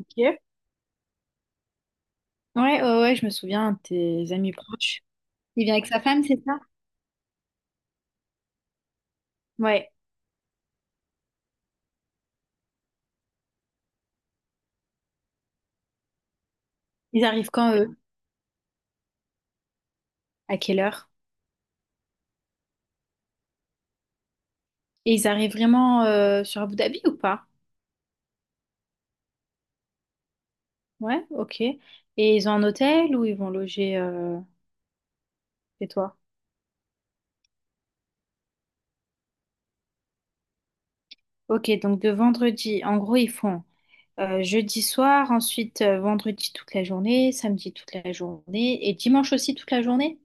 Ok. Ouais, ouais, ouais, je me souviens de tes amis proches. Il vient avec sa femme, c'est ça? Ouais. Ils arrivent quand, eux? À quelle heure? Et ils arrivent vraiment sur Abu Dhabi ou pas? Ouais, ok. Et ils ont un hôtel ou ils vont loger chez toi? Ok, donc de vendredi, en gros, ils font jeudi soir, ensuite vendredi toute la journée, samedi toute la journée et dimanche aussi toute la journée?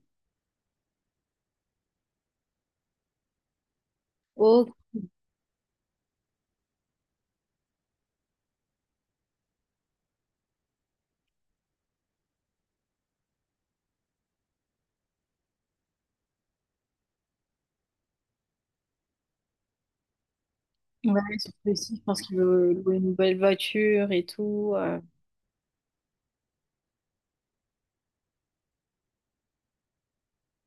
Oh, ouais, surtout aussi, je pense qu'ils veulent louer une nouvelle voiture et tout.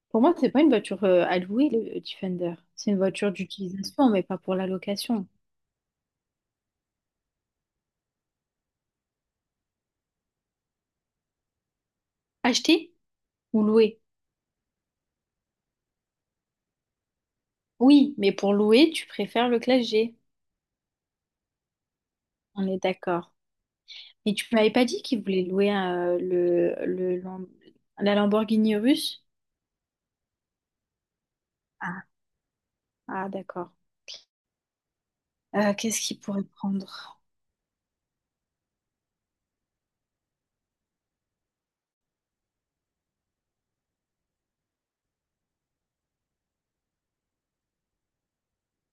Pour moi, c'est pas une voiture à louer, le Defender. C'est une voiture d'utilisation, mais pas pour la location. Acheter ou louer? Oui, mais pour louer, tu préfères le Classe G. On est d'accord. Et tu m'avais pas dit qu'il voulait louer la Lamborghini russe? Ah, ah, d'accord. Qu'est-ce qu'il pourrait prendre?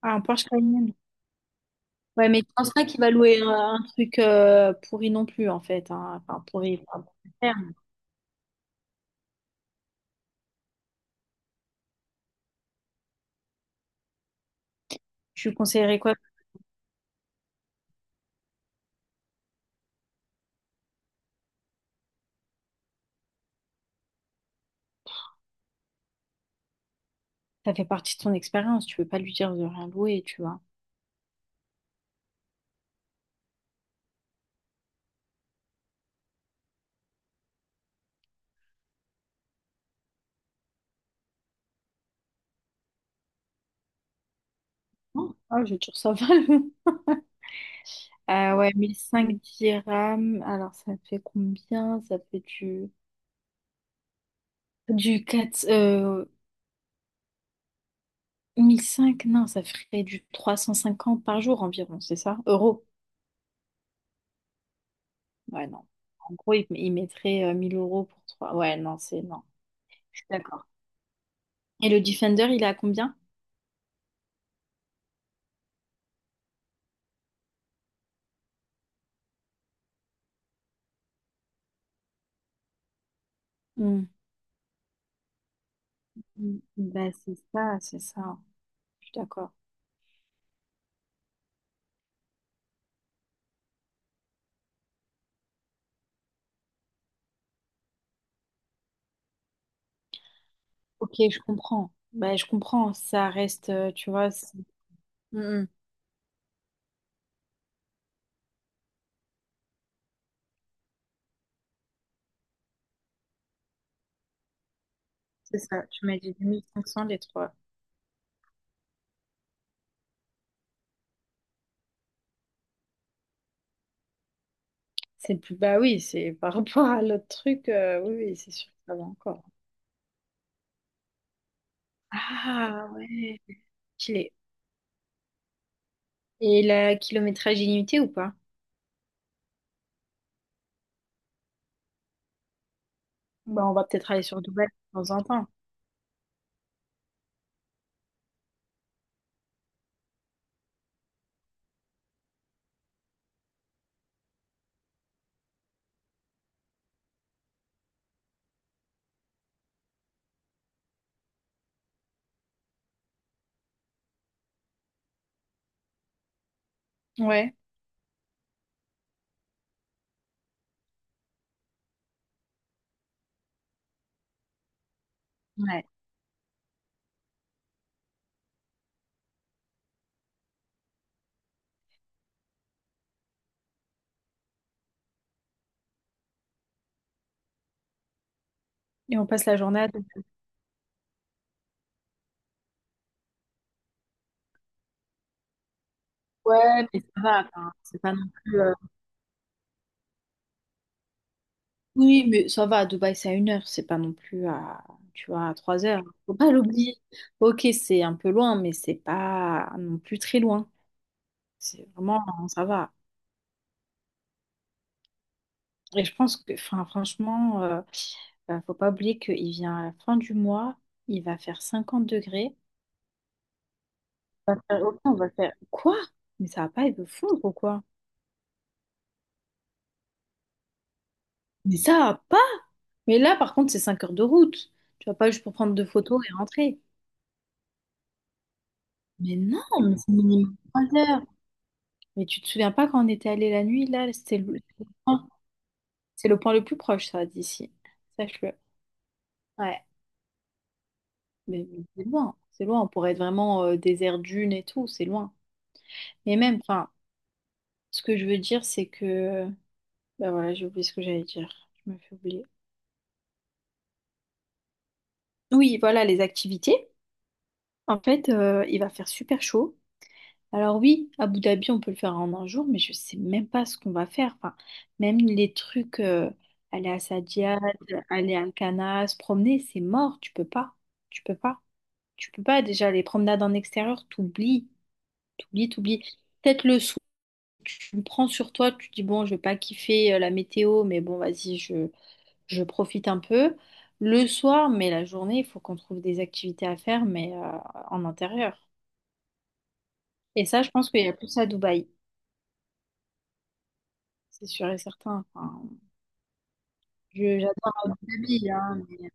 Ah, un Porsche Cayenne. Ouais, mais je pense pas qu'il va louer un truc pourri non plus, en fait, hein. Enfin, pourri, pas bon terme. Tu lui conseillerais quoi? Ça fait partie de ton expérience. Tu peux pas lui dire de rien louer, tu vois. Oh, ah, je tire ça va. Ouais, 1005 dirhams. Alors, ça fait combien? Ça fait du... Du 4 1005, non, ça ferait du 350 par jour environ, c'est ça? Euros. Ouais, non. En gros, il mettrait 1000 euros pour trois. Ouais, non, c'est... Non, je suis d'accord. Et le Defender, il est à combien? Hmm. Hmm. Ben, c'est ça, c'est ça, hein. Je suis d'accord. Ok, je comprends. Bah je comprends. Ça reste, tu vois... C'est hmm, hmm. C'est ça. Tu m'as dit 1500 les trois. C'est plus, bah oui, c'est par rapport à l'autre truc, oui, oui, c'est sûr que ça va encore. Ah ouais, stylé. Et la kilométrage illimité ou pas? Bah, on va peut-être aller sur Dubaï de temps en temps. Ouais. Ouais. Et on passe la journée à Dubaï. Ouais, mais ça va, enfin, c'est pas non plus. Oui, mais ça va, à Dubaï, c'est à une heure, c'est pas non plus à, tu vois, à 3 heures. Faut pas l'oublier. Ok, c'est un peu loin, mais c'est pas non plus très loin. C'est vraiment, ça va. Et je pense que, enfin, franchement, faut pas oublier qu'il vient à la fin du mois, il va faire 50 degrés. On va faire, ok, on va faire quoi? Mais ça va pas, il veut fondre ou quoi? Mais ça va pas! Mais là, par contre, c'est 5 heures de route. Tu vas pas juste pour prendre deux photos et rentrer. Mais non, mais c'est minimum 3 heures. Mais tu te souviens pas quand on était allé la nuit, là, c'était c'est le point le plus proche, ça, d'ici. Sache-le. Ouais, mais c'est loin. C'est loin. On pourrait être vraiment désert dune et tout, c'est loin. Et même, enfin. Ce que je veux dire, c'est que... Ben voilà, j'ai oublié ce que j'allais dire. Je me fais oublier. Oui, voilà, les activités. En fait, il va faire super chaud. Alors oui, à Abu Dhabi, on peut le faire en un jour, mais je sais même pas ce qu'on va faire. Enfin, même les trucs, aller à Saadiyat, aller à Alcana, se promener, c'est mort. Tu peux pas. Tu peux pas. Tu peux pas. Déjà, les promenades en extérieur, t'oublies. T'oublies, t'oublies. Peut-être le soir, tu me prends sur toi, tu dis, bon, je vais pas kiffer la météo, mais bon, vas-y, je profite un peu. Le soir, mais la journée, il faut qu'on trouve des activités à faire, mais en intérieur. Et ça, je pense qu'il y a plus à Dubaï, c'est sûr et certain. Enfin, j'adore Abu Dhabi, hein, mais-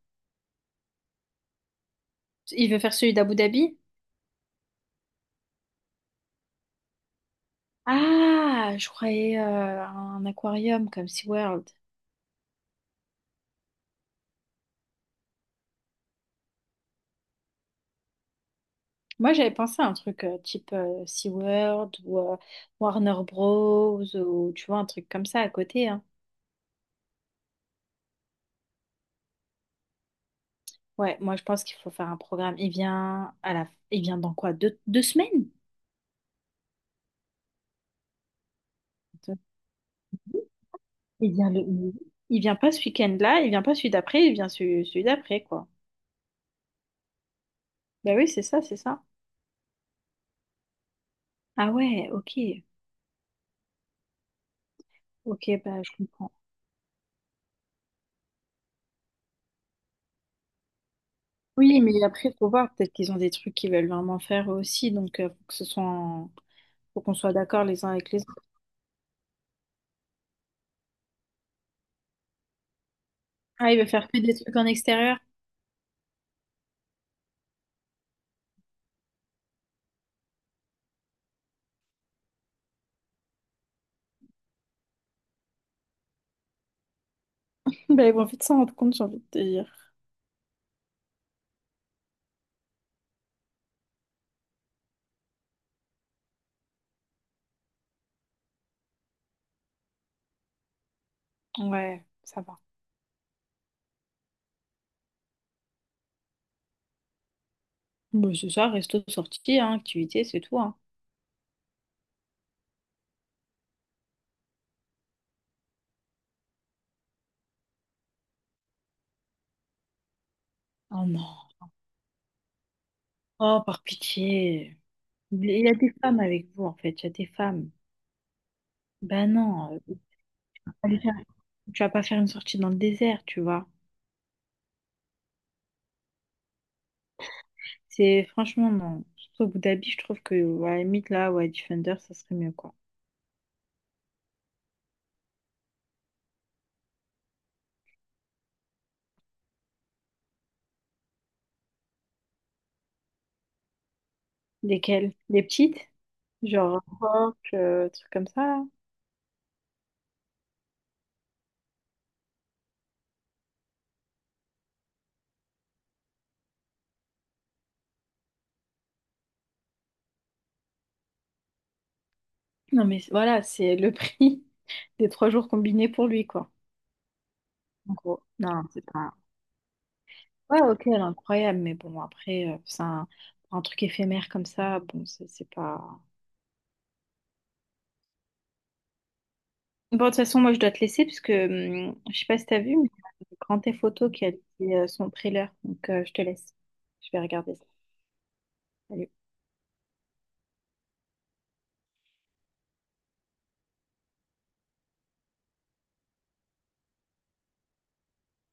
Il veut faire celui d'Abu Dhabi? Ah, je croyais un aquarium comme SeaWorld. Moi, j'avais pensé à un truc type SeaWorld ou Warner Bros. Ou tu vois, un truc comme ça à côté, hein. Ouais, moi, je pense qu'il faut faire un programme. Il vient à la... Il vient dans quoi? Deux, 2 semaines? Il vient le... il vient pas ce week-end-là, il vient pas celui d'après, il vient celui, celui d'après, quoi. Bah oui, c'est ça, c'est ça. Ah ouais, ok. Ok, bah je comprends. Oui, mais après, faut voir, peut-être qu'ils ont des trucs qu'ils veulent vraiment faire eux aussi, donc faut que ce soit en- faut qu'on soit d'accord les uns avec les autres. Ah, ils veulent faire que des trucs en extérieur? Bah ils vont vite s'en rendre compte, j'ai envie de te dire. Ouais, ça va. Bon, c'est ça, resto, sortie, hein, activité, c'est tout, hein. Oh non. Oh, par pitié. Il y a des femmes avec vous, en fait, il y a des femmes. Ben non. Euh, tu vas pas faire une sortie dans le désert, tu vois. C'est franchement, non. Surtout Abu Dhabi, je trouve que, à la limite, là, ouais, Defender, ça serait mieux, quoi. Lesquelles? Les petites? Genre, rock, trucs comme ça, là. Non, mais voilà, c'est le prix des trois jours combinés pour lui, quoi. En gros. Non, c'est pas. Ouais, ok, elle est incroyable, mais bon, après, c'est un, pour un truc éphémère comme ça, bon, c'est pas. Bon, de toute façon, moi, je dois te laisser parce que je sais pas si t'as vu, mais il y a Grand Theft Auto qui a dit son trailer. Donc, je te laisse. Je vais regarder ça. Salut.